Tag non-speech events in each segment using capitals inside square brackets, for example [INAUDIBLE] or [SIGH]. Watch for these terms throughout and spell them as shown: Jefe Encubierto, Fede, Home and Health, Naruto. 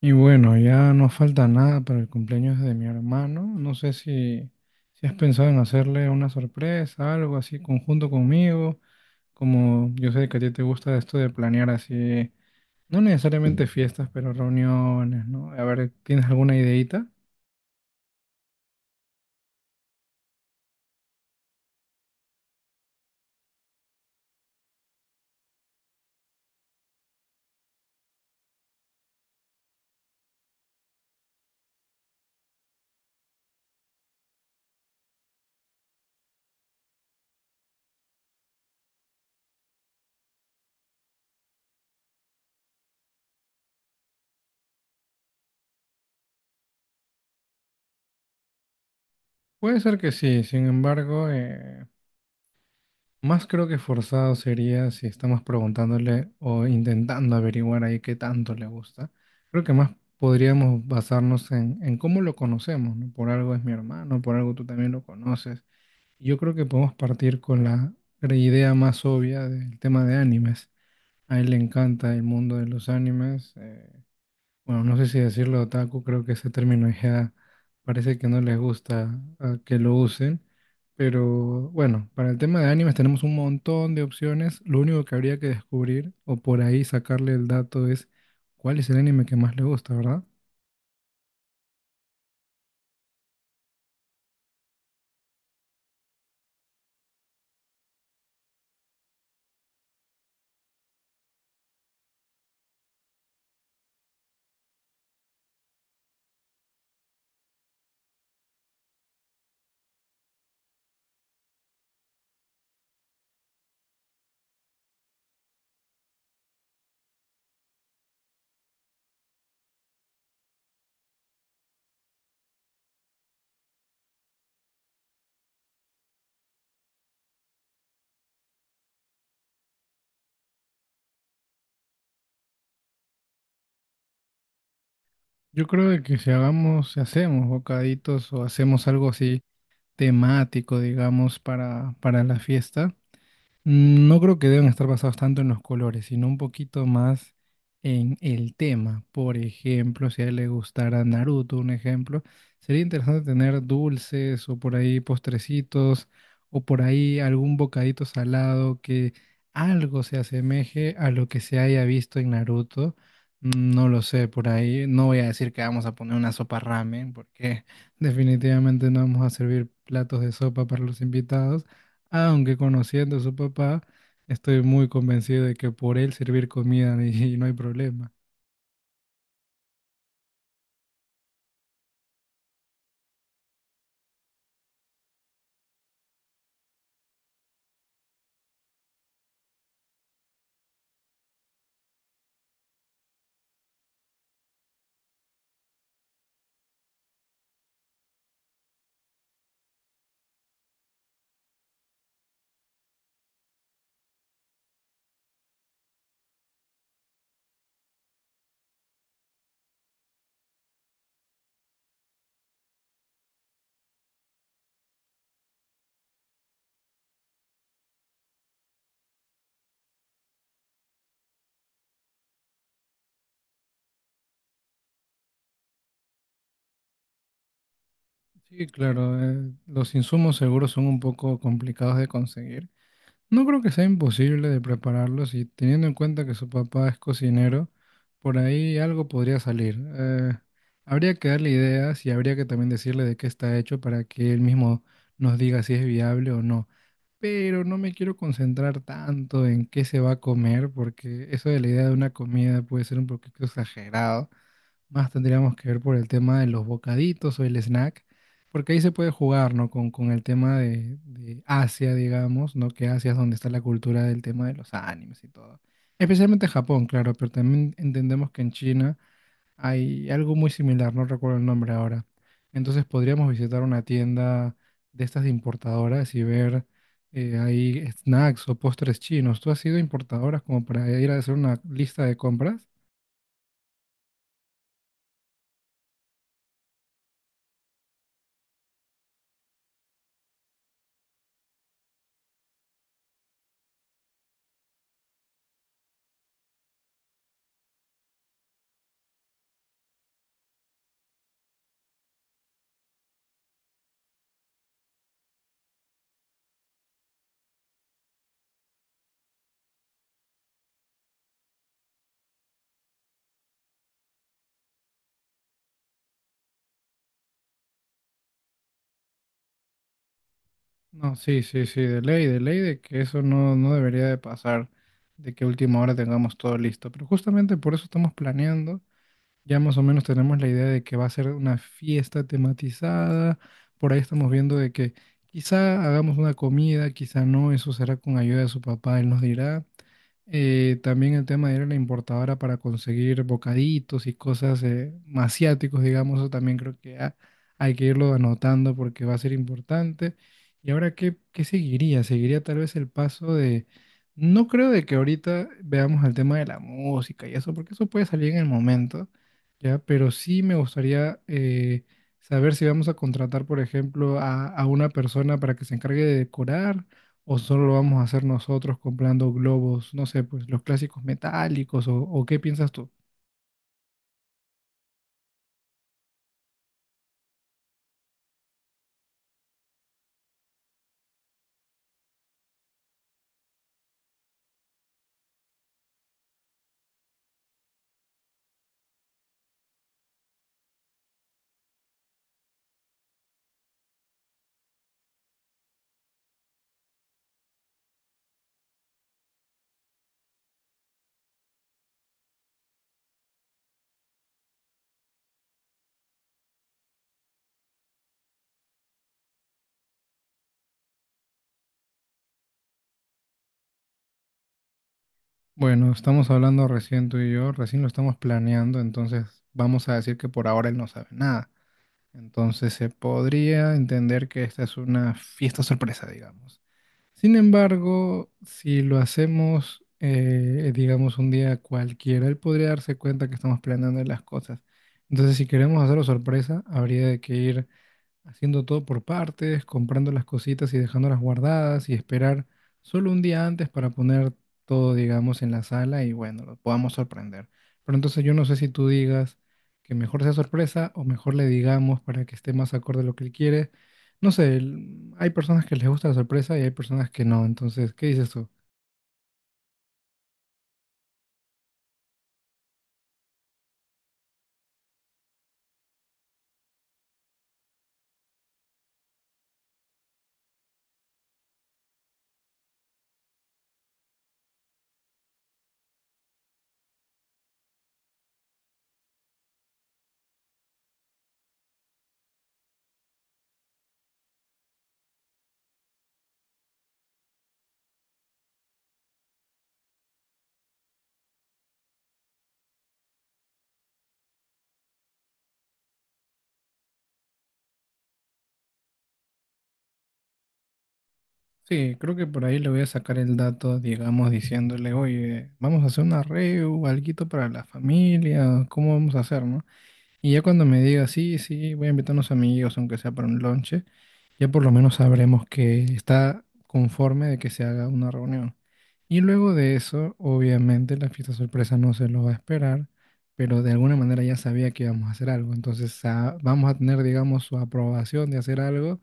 Y bueno, ya no falta nada para el cumpleaños de mi hermano. No sé si has pensado en hacerle una sorpresa, algo así conjunto conmigo, como yo sé que a ti te gusta esto de planear así, no necesariamente fiestas, pero reuniones, ¿no? A ver, ¿tienes alguna ideita? Puede ser que sí, sin embargo, más creo que forzado sería si estamos preguntándole o intentando averiguar ahí qué tanto le gusta. Creo que más podríamos basarnos en cómo lo conocemos, ¿no? Por algo es mi hermano, por algo tú también lo conoces. Yo creo que podemos partir con la idea más obvia del tema de animes. A él le encanta el mundo de los animes, bueno, no sé si decirlo otaku, creo que ese término ya parece que no les gusta ah, que lo usen, pero bueno, para el tema de animes tenemos un montón de opciones, lo único que habría que descubrir o por ahí sacarle el dato es cuál es el anime que más le gusta, ¿verdad? Yo creo de que si hagamos, si hacemos bocaditos o hacemos algo así temático, digamos, para la fiesta. Mm, no creo que deban estar basados tanto en los colores, sino un poquito más en el tema. Por ejemplo, si a él le gustara Naruto, un ejemplo, sería interesante tener dulces o por ahí postrecitos o por ahí algún bocadito salado que algo se asemeje a lo que se haya visto en Naruto. Mm, no lo sé, por ahí no voy a decir que vamos a poner una sopa ramen porque [LAUGHS] definitivamente no vamos a servir platos de sopa para los invitados, aunque conociendo a su papá, estoy muy convencido de que por él servir comida [LAUGHS] y no hay problema. Sí, claro, los insumos seguros son un poco complicados de conseguir. No creo que sea imposible de prepararlos y teniendo en cuenta que su papá es cocinero, por ahí algo podría salir. Habría que darle ideas y habría que también decirle de qué está hecho para que él mismo nos diga si es viable o no. Pero no me quiero concentrar tanto en qué se va a comer, porque eso de la idea de una comida puede ser un poquito exagerado. Más tendríamos que ver por el tema de los bocaditos o el snack, porque ahí se puede jugar, ¿no? Con el tema de Asia, digamos, ¿no? Que Asia es donde está la cultura del tema de los animes y todo. Especialmente en Japón, claro, pero también entendemos que en China hay algo muy similar, no recuerdo el nombre ahora. Entonces podríamos visitar una tienda de estas de importadoras y ver ahí snacks o postres chinos. ¿Tú has sido importadoras como para ir a hacer una lista de compras? No, sí, sí, sí, de ley, de ley, de que eso no, no debería de pasar, de que a última hora tengamos todo listo. Pero justamente por eso estamos planeando. Ya más o menos tenemos la idea de que va a ser una fiesta tematizada. Por ahí estamos viendo de que quizá hagamos una comida, quizá no. Eso será con ayuda de su papá, él nos dirá. También el tema de ir a la importadora para conseguir bocaditos y cosas asiáticos, digamos, eso también creo que hay que irlo anotando porque va a ser importante. ¿Y ahora qué seguiría? Seguiría tal vez el paso de... No creo de que ahorita veamos el tema de la música y eso, porque eso puede salir en el momento, ¿ya? Pero sí me gustaría saber si vamos a contratar, por ejemplo, a una persona para que se encargue de decorar o solo lo vamos a hacer nosotros comprando globos, no sé, pues los clásicos metálicos o, ¿o qué piensas tú? Bueno, estamos hablando recién tú y yo, recién lo estamos planeando, entonces vamos a decir que por ahora él no sabe nada. Entonces se podría entender que esta es una fiesta sorpresa, digamos. Sin embargo, si lo hacemos, digamos, un día cualquiera, él podría darse cuenta que estamos planeando las cosas. Entonces, si queremos hacerlo sorpresa, habría de que ir haciendo todo por partes, comprando las cositas y dejándolas guardadas y esperar solo un día antes para poner todo, digamos, en la sala y bueno, lo podamos sorprender. Pero entonces yo no sé si tú digas que mejor sea sorpresa o mejor le digamos para que esté más acorde a lo que él quiere. No sé, hay personas que les gusta la sorpresa y hay personas que no. Entonces, ¿qué dices tú? Sí, creo que por ahí le voy a sacar el dato, digamos, diciéndole, oye, vamos a hacer un arreo, algo para la familia, ¿cómo vamos a hacer, no? Y ya cuando me diga, sí, sí, voy a invitar a unos amigos, aunque sea para un lonche, ya por lo menos sabremos que está conforme de que se haga una reunión. Y luego de eso, obviamente, la fiesta sorpresa no se lo va a esperar, pero de alguna manera ya sabía que íbamos a hacer algo. Entonces, ah, vamos a tener, digamos, su aprobación de hacer algo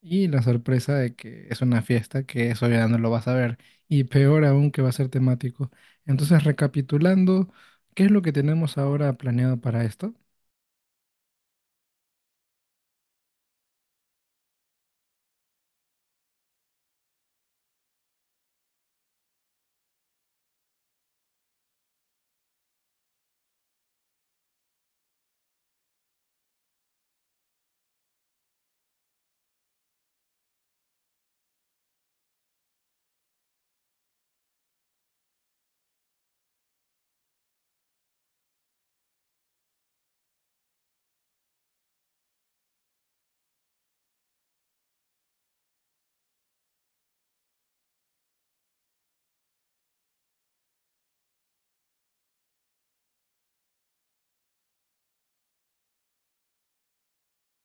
y la sorpresa de que es una fiesta, que eso ya no lo vas a ver. Y peor aún que va a ser temático. Entonces, recapitulando, ¿qué es lo que tenemos ahora planeado para esto?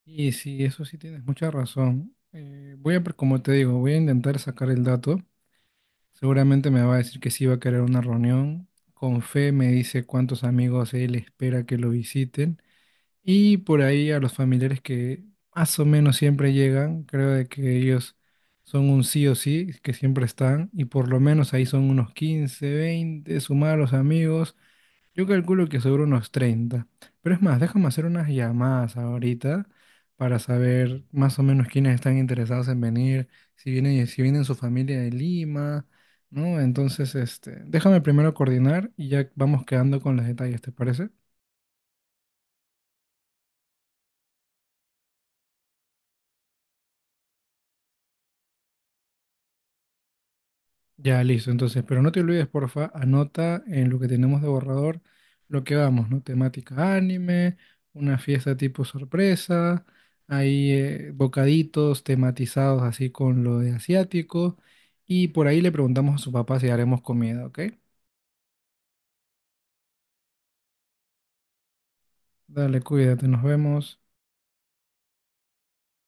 Y sí, eso sí tienes mucha razón. Voy a, como te digo, voy a intentar sacar el dato. Seguramente me va a decir que sí va a querer una reunión. Con fe me dice cuántos amigos él espera que lo visiten. Y por ahí a los familiares que más o menos siempre llegan, creo de que ellos son un sí o sí, que siempre están. Y por lo menos ahí son unos 15, 20. Sumar a los amigos. Yo calculo que sobre unos 30. Pero es más, déjame hacer unas llamadas ahorita para saber más o menos quiénes están interesados en venir, si vienen, si vienen su familia de Lima, ¿no? Entonces, este, déjame primero coordinar y ya vamos quedando con los detalles, ¿te parece? Ya, listo, entonces, pero no te olvides, porfa, anota en lo que tenemos de borrador lo que vamos, ¿no? Temática anime, una fiesta tipo sorpresa, ahí bocaditos tematizados así con lo de asiático, y por ahí le preguntamos a su papá si haremos comida, ¿ok? Dale, cuídate, nos vemos.